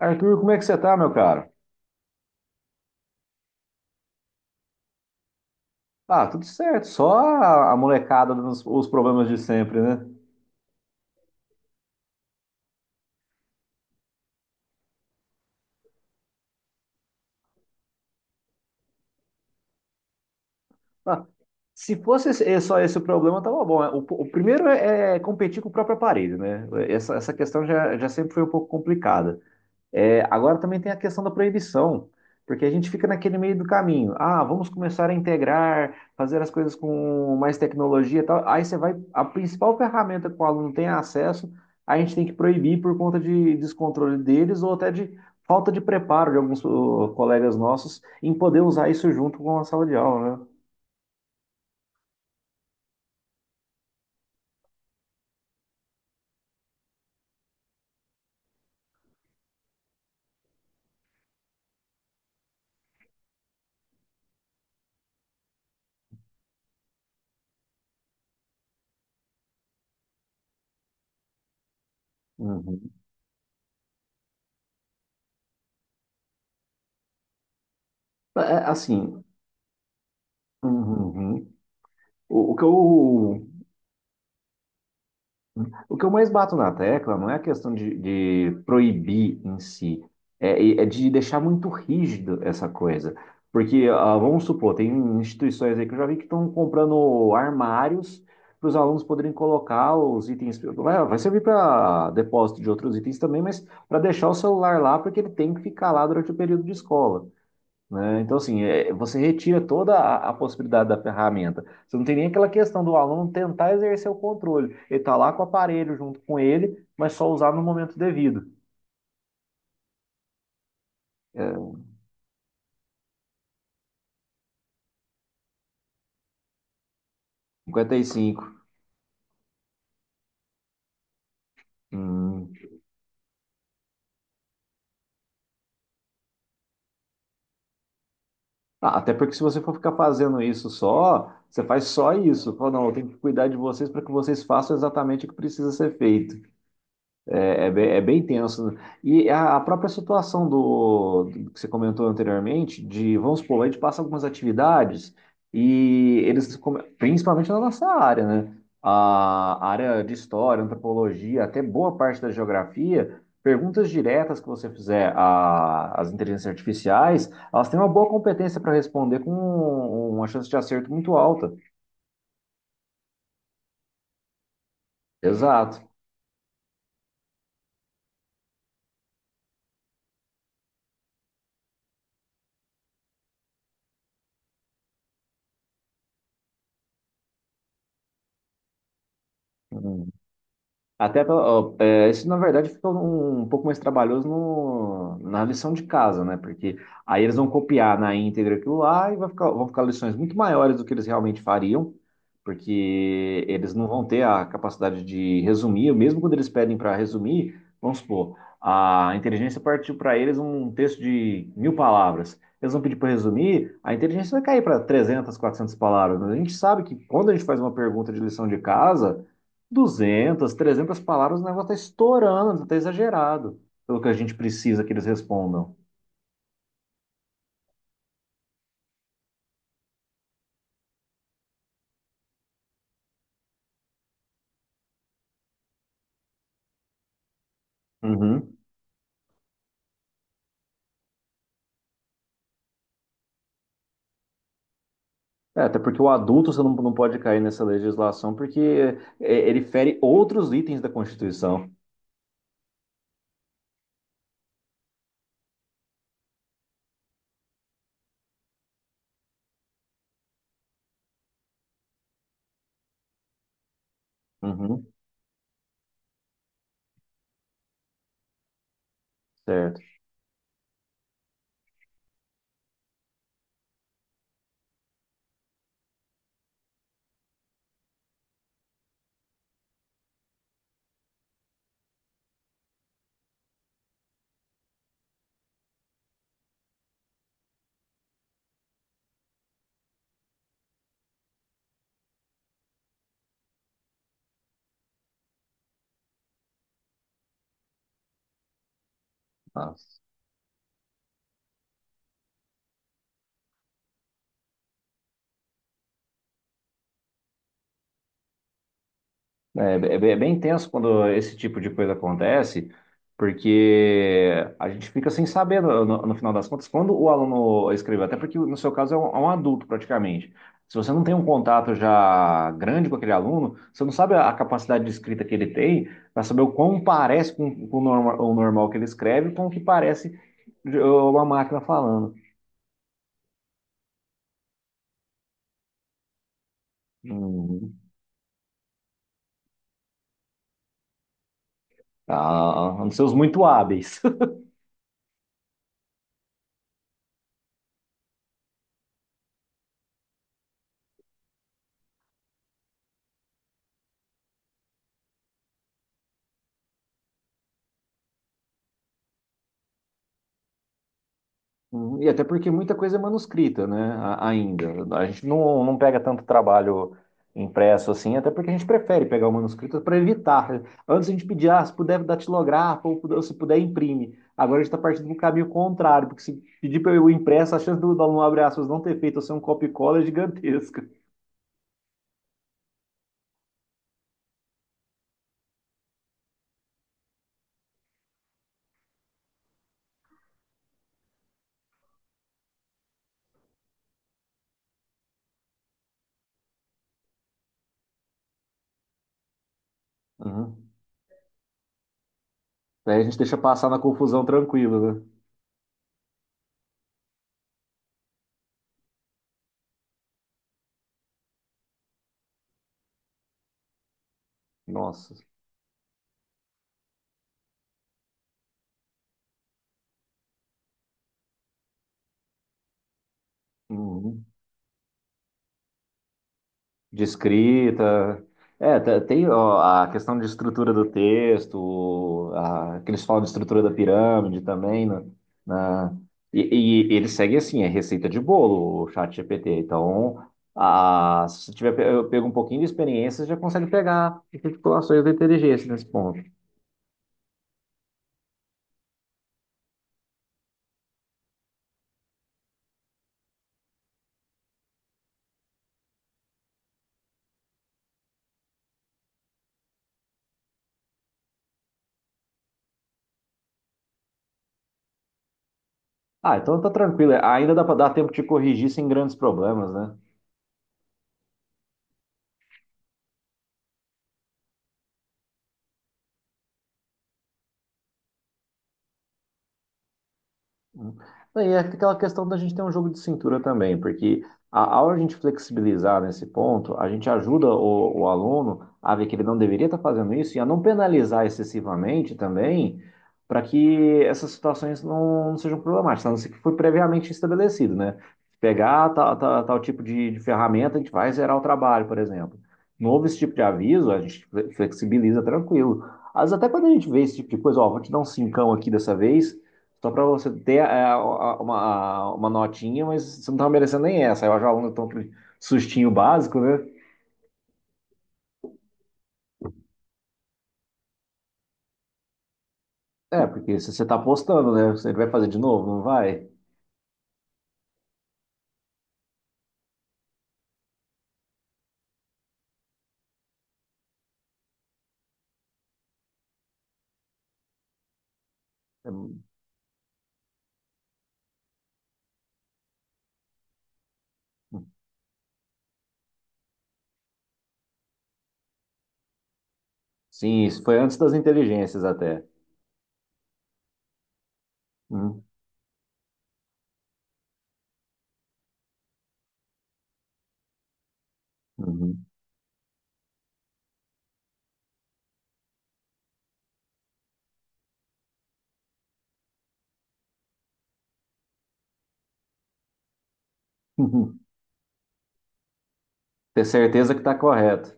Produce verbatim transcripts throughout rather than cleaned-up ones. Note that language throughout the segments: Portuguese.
Arthur, como é que você tá, meu caro? Ah, tudo certo, só a a molecada nos, os problemas de sempre, né? Ah, se fosse esse- eh, só esse o problema, tava bom, né? O, o primeiro é, é competir com o próprio aparelho, né? Essa, essa questão já, já sempre foi um pouco complicada. É, agora também tem a questão da proibição, porque a gente fica naquele meio do caminho. Ah, vamos começar a integrar, fazer as coisas com mais tecnologia e tal. Aí você vai, a principal ferramenta que o aluno tem acesso, a gente tem que proibir por conta de descontrole deles ou até de falta de preparo de alguns ô, colegas nossos em poder usar isso junto com a sala de aula, né? Uhum. É, assim, uhum, uhum. O, o que eu O que eu mais bato na tecla não é a questão de, de proibir em si, é, é de deixar muito rígido essa coisa. Porque, ah, vamos supor, tem instituições aí que eu já vi que estão comprando armários para os alunos poderem colocar os itens. Vai, vai servir para depósito de outros itens também, mas para deixar o celular lá, porque ele tem que ficar lá durante o período de escola, né? Então, assim, é, você retira toda a, a possibilidade da ferramenta. Você não tem nem aquela questão do aluno tentar exercer o controle. Ele está lá com o aparelho junto com ele, mas só usar no momento devido. É, cinquenta e cinco. Hum. Ah, até porque se você for ficar fazendo isso só, você faz só isso. Fala, não, eu tenho que cuidar de vocês para que vocês façam exatamente o que precisa ser feito. É, é bem, é bem tenso. E a, a própria situação do, do que você comentou anteriormente, de, vamos supor, a gente passa algumas atividades e eles, come- principalmente na nossa área, né? A área de história, antropologia, até boa parte da geografia, perguntas diretas que você fizer a- às inteligências artificiais, elas têm uma boa competência para responder com um, uma chance de acerto muito alta. Exato. Uhum. Até, pela- ó, é, isso na verdade fica um, um pouco mais trabalhoso no, na lição de casa, né? Porque aí eles vão copiar na íntegra aquilo lá e vai ficar, vão ficar lições muito maiores do que eles realmente fariam, porque eles não vão ter a capacidade de resumir, mesmo quando eles pedem para resumir, vamos supor, a inteligência partiu para eles um texto de mil palavras. Eles vão pedir para resumir, a inteligência vai cair para trezentas, quatrocentas palavras. Mas a gente sabe que quando a gente faz uma pergunta de lição de casa duzentas, trezentas palavras, o negócio tá estourando, tá exagerado pelo que a gente precisa que eles respondam. Uhum. É, até porque o adulto você não, não pode cair nessa legislação, porque é, ele fere outros itens da Constituição. Uhum, certo. Ah, É, é bem é bem tenso quando esse tipo de coisa acontece, porque a gente fica sem saber, no, no- no final das contas, quando o aluno escreveu, até porque no seu caso é um, é um adulto praticamente. Se você não tem um contato já grande com aquele aluno, você não sabe a a capacidade de escrita que ele tem para saber o quão parece com, com o, norma- o normal que ele escreve, com o que parece de- uma máquina falando. Hum, ah, são muito hábeis. Uhum. E até porque muita coisa é manuscrita, né? a- Ainda. A gente não, não pega tanto trabalho impresso assim, até porque a gente prefere pegar o manuscrito para evitar. Antes a gente pedia, ah, se puder datilografa ou puder- se puder imprime. Agora a gente está partindo do caminho contrário, porque se pedir para o impresso, a chance do aluno abre aspas não ter feito ou ser um copia e cola é gigantesca. Uhum. Aí a gente deixa passar na confusão tranquila, né? Nossa. Uhum. De escrita. É, te- tem ó, a questão de estrutura do texto, a, que eles falam de estrutura da pirâmide também, né? Na- e, e ele segue assim, é receita de bolo, o chat G P T. Então, a, se você tiver, pe- eu pego um pouquinho de experiência, você já consegue pegar articulações da inteligência nesse ponto. Ah, então tá tranquilo. Ainda dá para dar tempo de corrigir sem grandes problemas, né? Hum. E é aquela questão da gente ter um jogo de cintura também, porque a- ao a gente flexibilizar nesse ponto, a gente ajuda o, o aluno a ver que ele não deveria estar fazendo isso e a não penalizar excessivamente também, para que essas situações não, não sejam problemáticas, a não ser que foi previamente estabelecido, né? Pegar tal, tal, tal tipo de, de ferramenta, a gente vai zerar o trabalho, por exemplo. Não houve esse tipo de aviso, a gente fle- flexibiliza tranquilo. Às vezes até quando a gente vê esse tipo de coisa, ó, vou te dar um cincão aqui dessa vez só para você ter é, a- a- uma, a- uma notinha, mas você não estava merecendo nem essa. Aí eu acho que o aluno tão aquele sustinho básico, né? É, porque se você está apostando, né? Você vai fazer de novo, não vai? É, sim, isso foi antes das inteligências até. Hum, uhum. Ter certeza que está correto.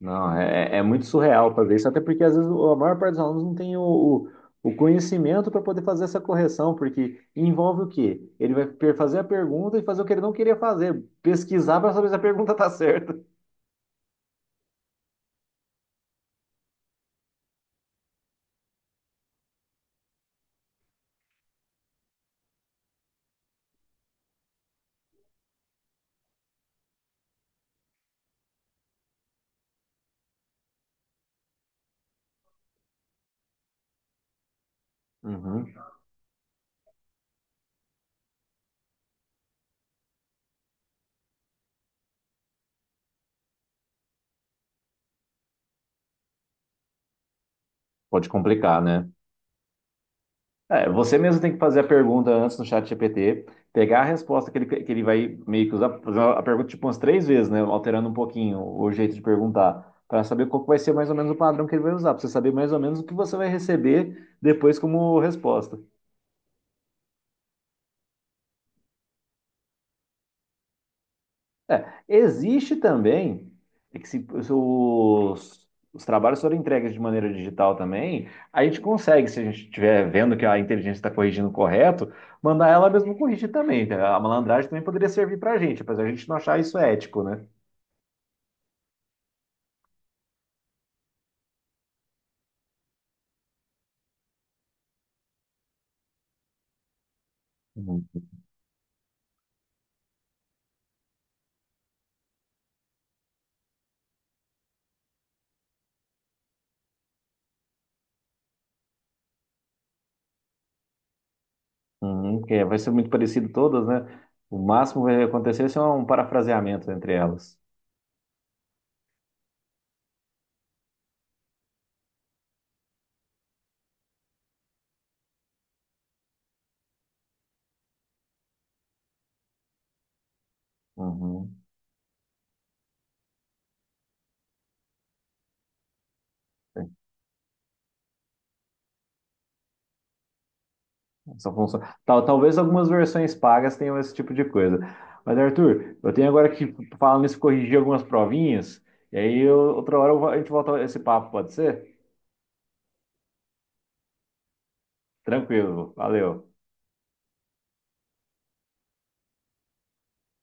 Não, é, é é muito surreal para ver isso, até porque às vezes o- a maior parte dos alunos não tem o, o, o conhecimento para poder fazer essa correção, porque envolve o quê? Ele vai per- fazer a pergunta e fazer o que ele não queria fazer, pesquisar para saber se a pergunta está certa. Uhum. Pode complicar, né? É, você mesmo tem que fazer a pergunta antes no chat G P T, pegar a resposta que ele, que ele vai meio que usar, fazer a pergunta tipo umas três vezes, né? Alterando um pouquinho o jeito de perguntar, para saber qual que vai ser mais ou menos o padrão que ele vai usar, para você saber mais ou menos o que você vai receber depois como resposta. É, existe também é que se os, os trabalhos forem entregues de maneira digital também, a gente consegue, se a gente estiver vendo que a inteligência está corrigindo correto, mandar ela mesmo corrigir também, tá? A malandragem também poderia servir para a gente, apesar de a gente não achar isso ético, né? Uhum. Uhum, que é, vai ser muito parecido todas, né? O máximo que vai acontecer é um parafraseamento entre elas. Uhum. Essa função. Tal, talvez algumas versões pagas tenham esse tipo de coisa. Mas, Arthur, eu tenho agora que, falando nisso, corrigir algumas provinhas. E aí, eu- outra hora, eu- a gente volta a esse papo, pode ser? Tranquilo, valeu.